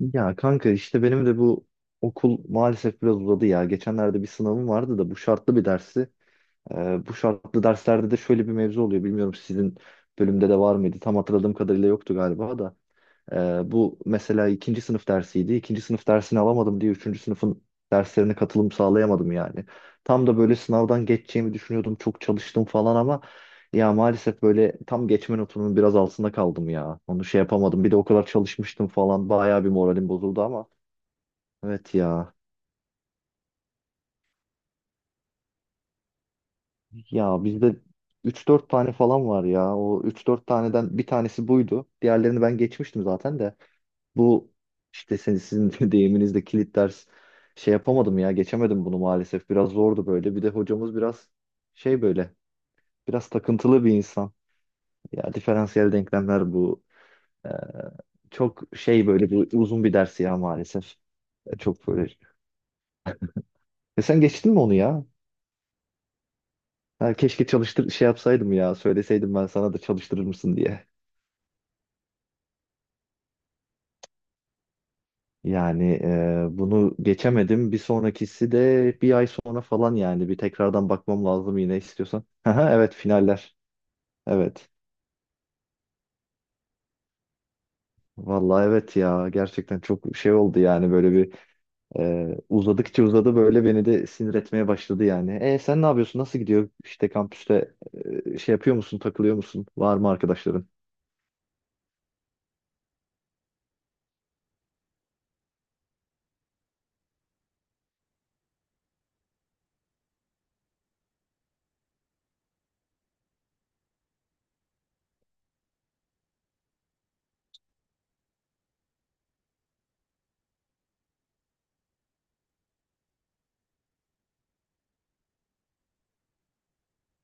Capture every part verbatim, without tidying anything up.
Ya kanka işte benim de bu okul maalesef biraz uzadı ya. Geçenlerde bir sınavım vardı da bu şartlı bir dersi. Ee, bu şartlı derslerde de şöyle bir mevzu oluyor. Bilmiyorum sizin bölümde de var mıydı? Tam hatırladığım kadarıyla yoktu galiba da. Ee, bu mesela ikinci sınıf dersiydi. İkinci sınıf dersini alamadım diye üçüncü sınıfın derslerine katılım sağlayamadım yani. Tam da böyle sınavdan geçeceğimi düşünüyordum. Çok çalıştım falan ama ya maalesef böyle tam geçme notumun biraz altında kaldım ya. Onu şey yapamadım. Bir de o kadar çalışmıştım falan. Bayağı bir moralim bozuldu ama. Evet ya. Ya bizde üç dört tane falan var ya. O üç dört taneden bir tanesi buydu. Diğerlerini ben geçmiştim zaten de. Bu işte sen- sizin de deyiminizde kilit ders şey yapamadım ya, geçemedim bunu maalesef. Biraz zordu böyle. Bir de hocamız biraz şey, böyle biraz takıntılı bir insan. Ya diferansiyel denklemler bu. Ee, Çok şey böyle, bu uzun bir ders ya maalesef. Ee, Çok böyle. E sen geçtin mi onu ya? Ha, keşke çalıştır şey yapsaydım ya, söyleseydim ben sana da çalıştırır mısın diye. Yani e, bunu geçemedim. Bir sonrakisi de bir ay sonra falan, yani bir tekrardan bakmam lazım yine istiyorsan. Aha, evet, finaller. Evet. Vallahi evet ya, gerçekten çok şey oldu yani, böyle bir e, uzadıkça uzadı, böyle beni de sinir etmeye başladı yani. E sen ne yapıyorsun? Nasıl gidiyor? İşte kampüste e, şey yapıyor musun? Takılıyor musun? Var mı arkadaşların?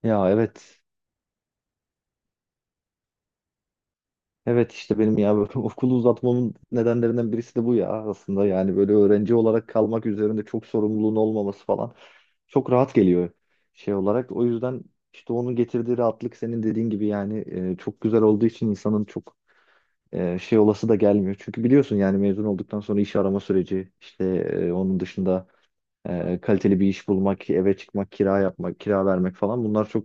Ya evet. Evet işte benim ya, böyle okulu uzatmamın nedenlerinden birisi de bu ya aslında. Yani böyle öğrenci olarak kalmak, üzerinde çok sorumluluğun olmaması falan çok rahat geliyor şey olarak. O yüzden işte onun getirdiği rahatlık, senin dediğin gibi yani e, çok güzel olduğu için insanın çok e, şey olası da gelmiyor. Çünkü biliyorsun yani, mezun olduktan sonra iş arama süreci işte, e, onun dışında e, kaliteli bir iş bulmak, eve çıkmak, kira yapmak, kira vermek falan, bunlar çok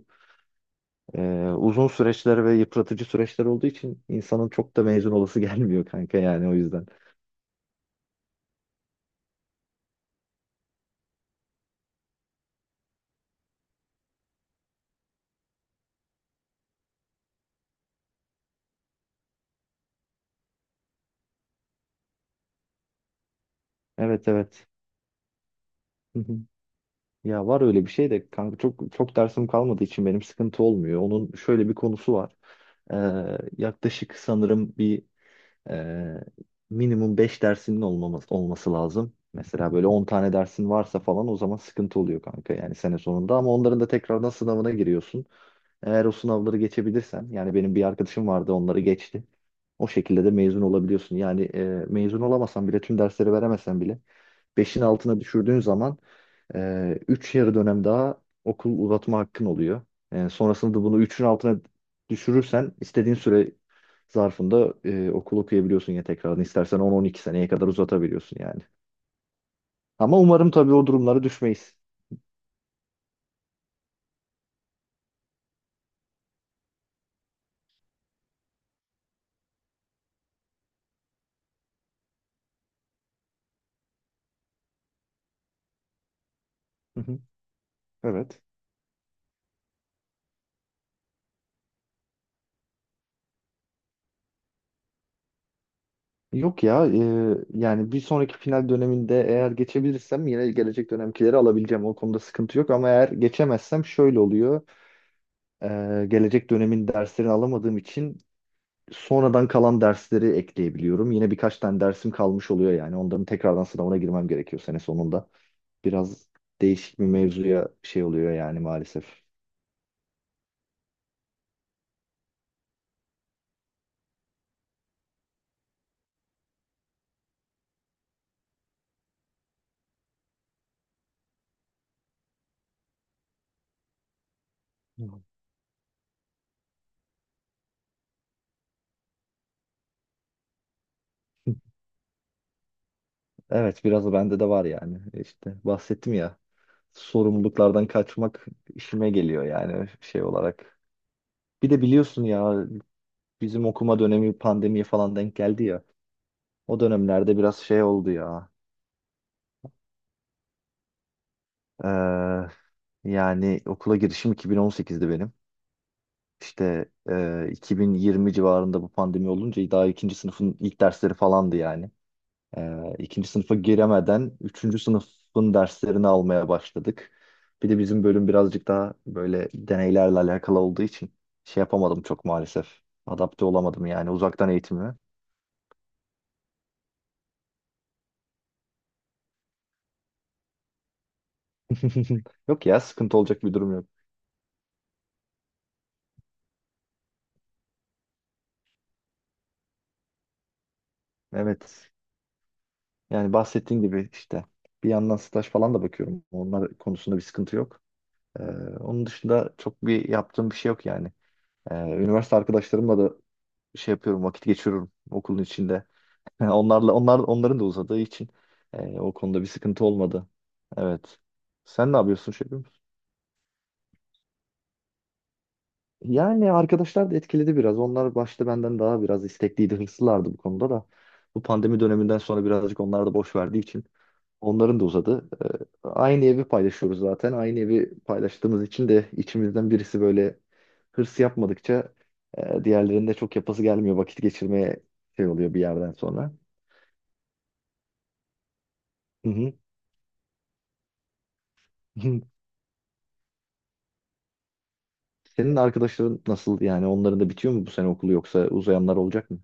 e, uzun süreçler ve yıpratıcı süreçler olduğu için insanın çok da mezun olası gelmiyor kanka, yani o yüzden. Evet, evet. Hı hı. Ya var öyle bir şey de kanka, çok çok dersim kalmadığı için benim sıkıntı olmuyor. Onun şöyle bir konusu var. E, Yaklaşık sanırım bir Ee, minimum beş dersinin olmaması, olması lazım. Mesela böyle on tane dersin varsa falan, o zaman sıkıntı oluyor kanka, yani sene sonunda, ama onların da tekrardan sınavına giriyorsun. Eğer o sınavları geçebilirsen, yani benim bir arkadaşım vardı, onları geçti. O şekilde de mezun olabiliyorsun. Yani e, mezun olamasan bile, tüm dersleri veremesen bile, beşin altına düşürdüğün zaman ee, üç yarı dönem daha okul uzatma hakkın oluyor. Ee, sonrasında da bunu üçün altına düşürürsen, istediğin süre zarfında e, okul okuyabiliyorsun ya tekrardan. İstersen on-on iki seneye kadar uzatabiliyorsun yani. Ama umarım tabii o durumlara düşmeyiz. Hı hı. Evet. Yok ya, e, yani bir sonraki final döneminde eğer geçebilirsem, yine gelecek dönemkileri alabileceğim, o konuda sıkıntı yok, ama eğer geçemezsem şöyle oluyor. E, Gelecek dönemin derslerini alamadığım için sonradan kalan dersleri ekleyebiliyorum, yine birkaç tane dersim kalmış oluyor, yani onların tekrardan sınavına girmem gerekiyor sene sonunda. Biraz değişik bir mevzuya şey oluyor yani maalesef. Evet, biraz da bende de var yani, işte bahsettim ya, sorumluluklardan kaçmak işime geliyor yani şey olarak. Bir de biliyorsun ya, bizim okuma dönemi pandemiye falan denk geldi ya. O dönemlerde biraz şey oldu ya. Ee, Yani okula girişim iki bin on sekizdi benim. İşte e, iki bin yirmi civarında bu pandemi olunca daha ikinci sınıfın ilk dersleri falandı yani. Ee, ikinci sınıfa giremeden üçüncü sınıfın derslerini almaya başladık. Bir de bizim bölüm birazcık daha böyle deneylerle alakalı olduğu için şey yapamadım çok maalesef. Adapte olamadım yani uzaktan eğitimi. Yok ya, sıkıntı olacak bir durum yok. Evet. Yani bahsettiğin gibi işte bir yandan staj falan da bakıyorum. Onlar konusunda bir sıkıntı yok. Ee, Onun dışında çok bir yaptığım bir şey yok yani. Ee, üniversite arkadaşlarımla da şey yapıyorum, vakit geçiriyorum okulun içinde. Onlarla onlar onların da uzadığı için e, o konuda bir sıkıntı olmadı. Evet. Sen ne yapıyorsun, şey yapıyor musun? Yani arkadaşlar da etkiledi biraz. Onlar başta benden daha biraz istekliydi, hırslılardı bu konuda da. Bu pandemi döneminden sonra birazcık onlar da boş verdiği için. Onların da uzadı. Ee, Aynı evi paylaşıyoruz zaten. Aynı evi paylaştığımız için de içimizden birisi böyle hırs yapmadıkça e, diğerlerinde çok yapası gelmiyor. Vakit geçirmeye şey oluyor bir yerden sonra. Hı hı. Hı. Senin arkadaşların nasıl, yani onların da bitiyor mu bu sene okulu, yoksa uzayanlar olacak mı?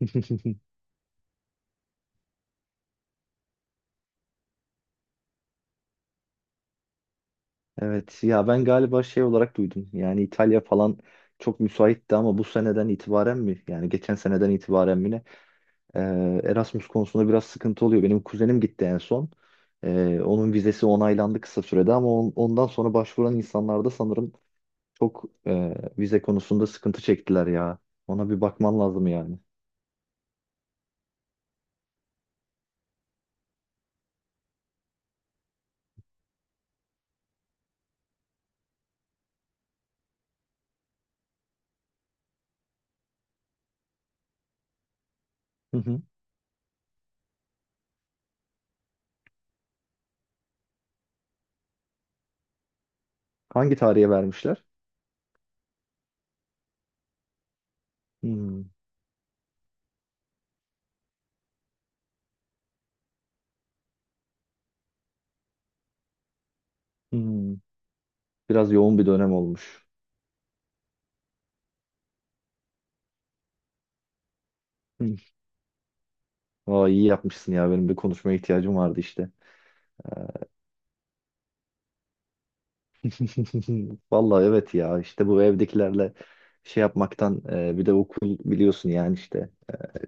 Evet ya, ben galiba şey olarak duydum. Yani İtalya falan çok müsaitti ama bu seneden itibaren mi? Yani geçen seneden itibaren mi? Ee, Erasmus konusunda biraz sıkıntı oluyor. Benim kuzenim gitti en son. Ee, onun vizesi onaylandı kısa sürede, ama on- ondan sonra başvuran insanlar da sanırım çok e, vize konusunda sıkıntı çektiler ya. Ona bir bakman lazım yani. Hı hı. Hangi tarihe vermişler? Hmm, hmm. Biraz yoğun bir dönem olmuş. Hı. Aa, iyi yapmışsın ya. Benim bir konuşmaya ihtiyacım vardı işte. Vallahi evet ya. İşte bu evdekilerle şey yapmaktan, e, bir de okul biliyorsun yani işte.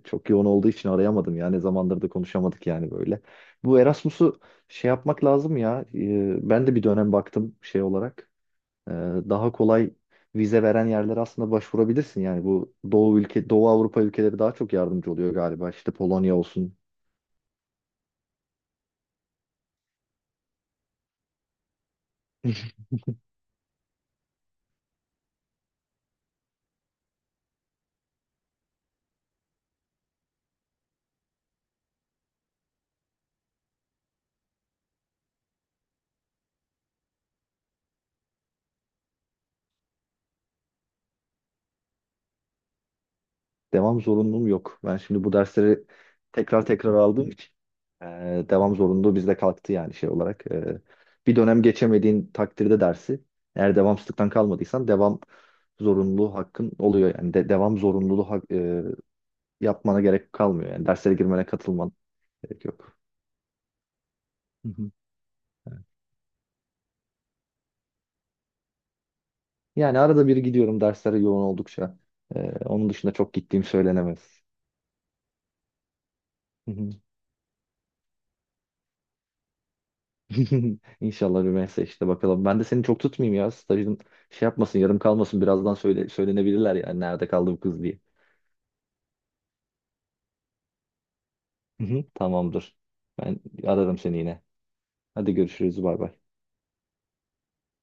Çok yoğun olduğu için arayamadım ya. Ne zamandır da konuşamadık yani böyle. Bu Erasmus'u şey yapmak lazım ya. Ee, Ben de bir dönem baktım şey olarak. Ee, Daha kolay vize veren yerlere aslında başvurabilirsin. Yani bu Doğu ülke, Doğu Avrupa ülkeleri daha çok yardımcı oluyor galiba. İşte Polonya olsun, devam zorunluluğum yok. Ben şimdi bu dersleri tekrar tekrar aldığım için e, devam zorunluluğu bizde kalktı yani şey olarak. E, bir dönem geçemediğin takdirde dersi, eğer devamsızlıktan kalmadıysan devam zorunluluğu hakkın oluyor. Yani de, devam zorunluluğu hak, e, yapmana gerek kalmıyor. Yani derslere girmene, katılman gerek yok. Hı hı. Yani arada bir gidiyorum derslere yoğun oldukça. E, onun dışında çok gittiğim söylenemez. Hı hı. İnşallah Rümeysa, işte bakalım. Ben de seni çok tutmayayım ya. Stajın şey yapmasın, yarım kalmasın. Birazdan söyle, söylenebilirler yani, nerede kaldı bu kız diye. Hı hı. Tamamdır. Ben ararım seni yine. Hadi görüşürüz. Bay bay.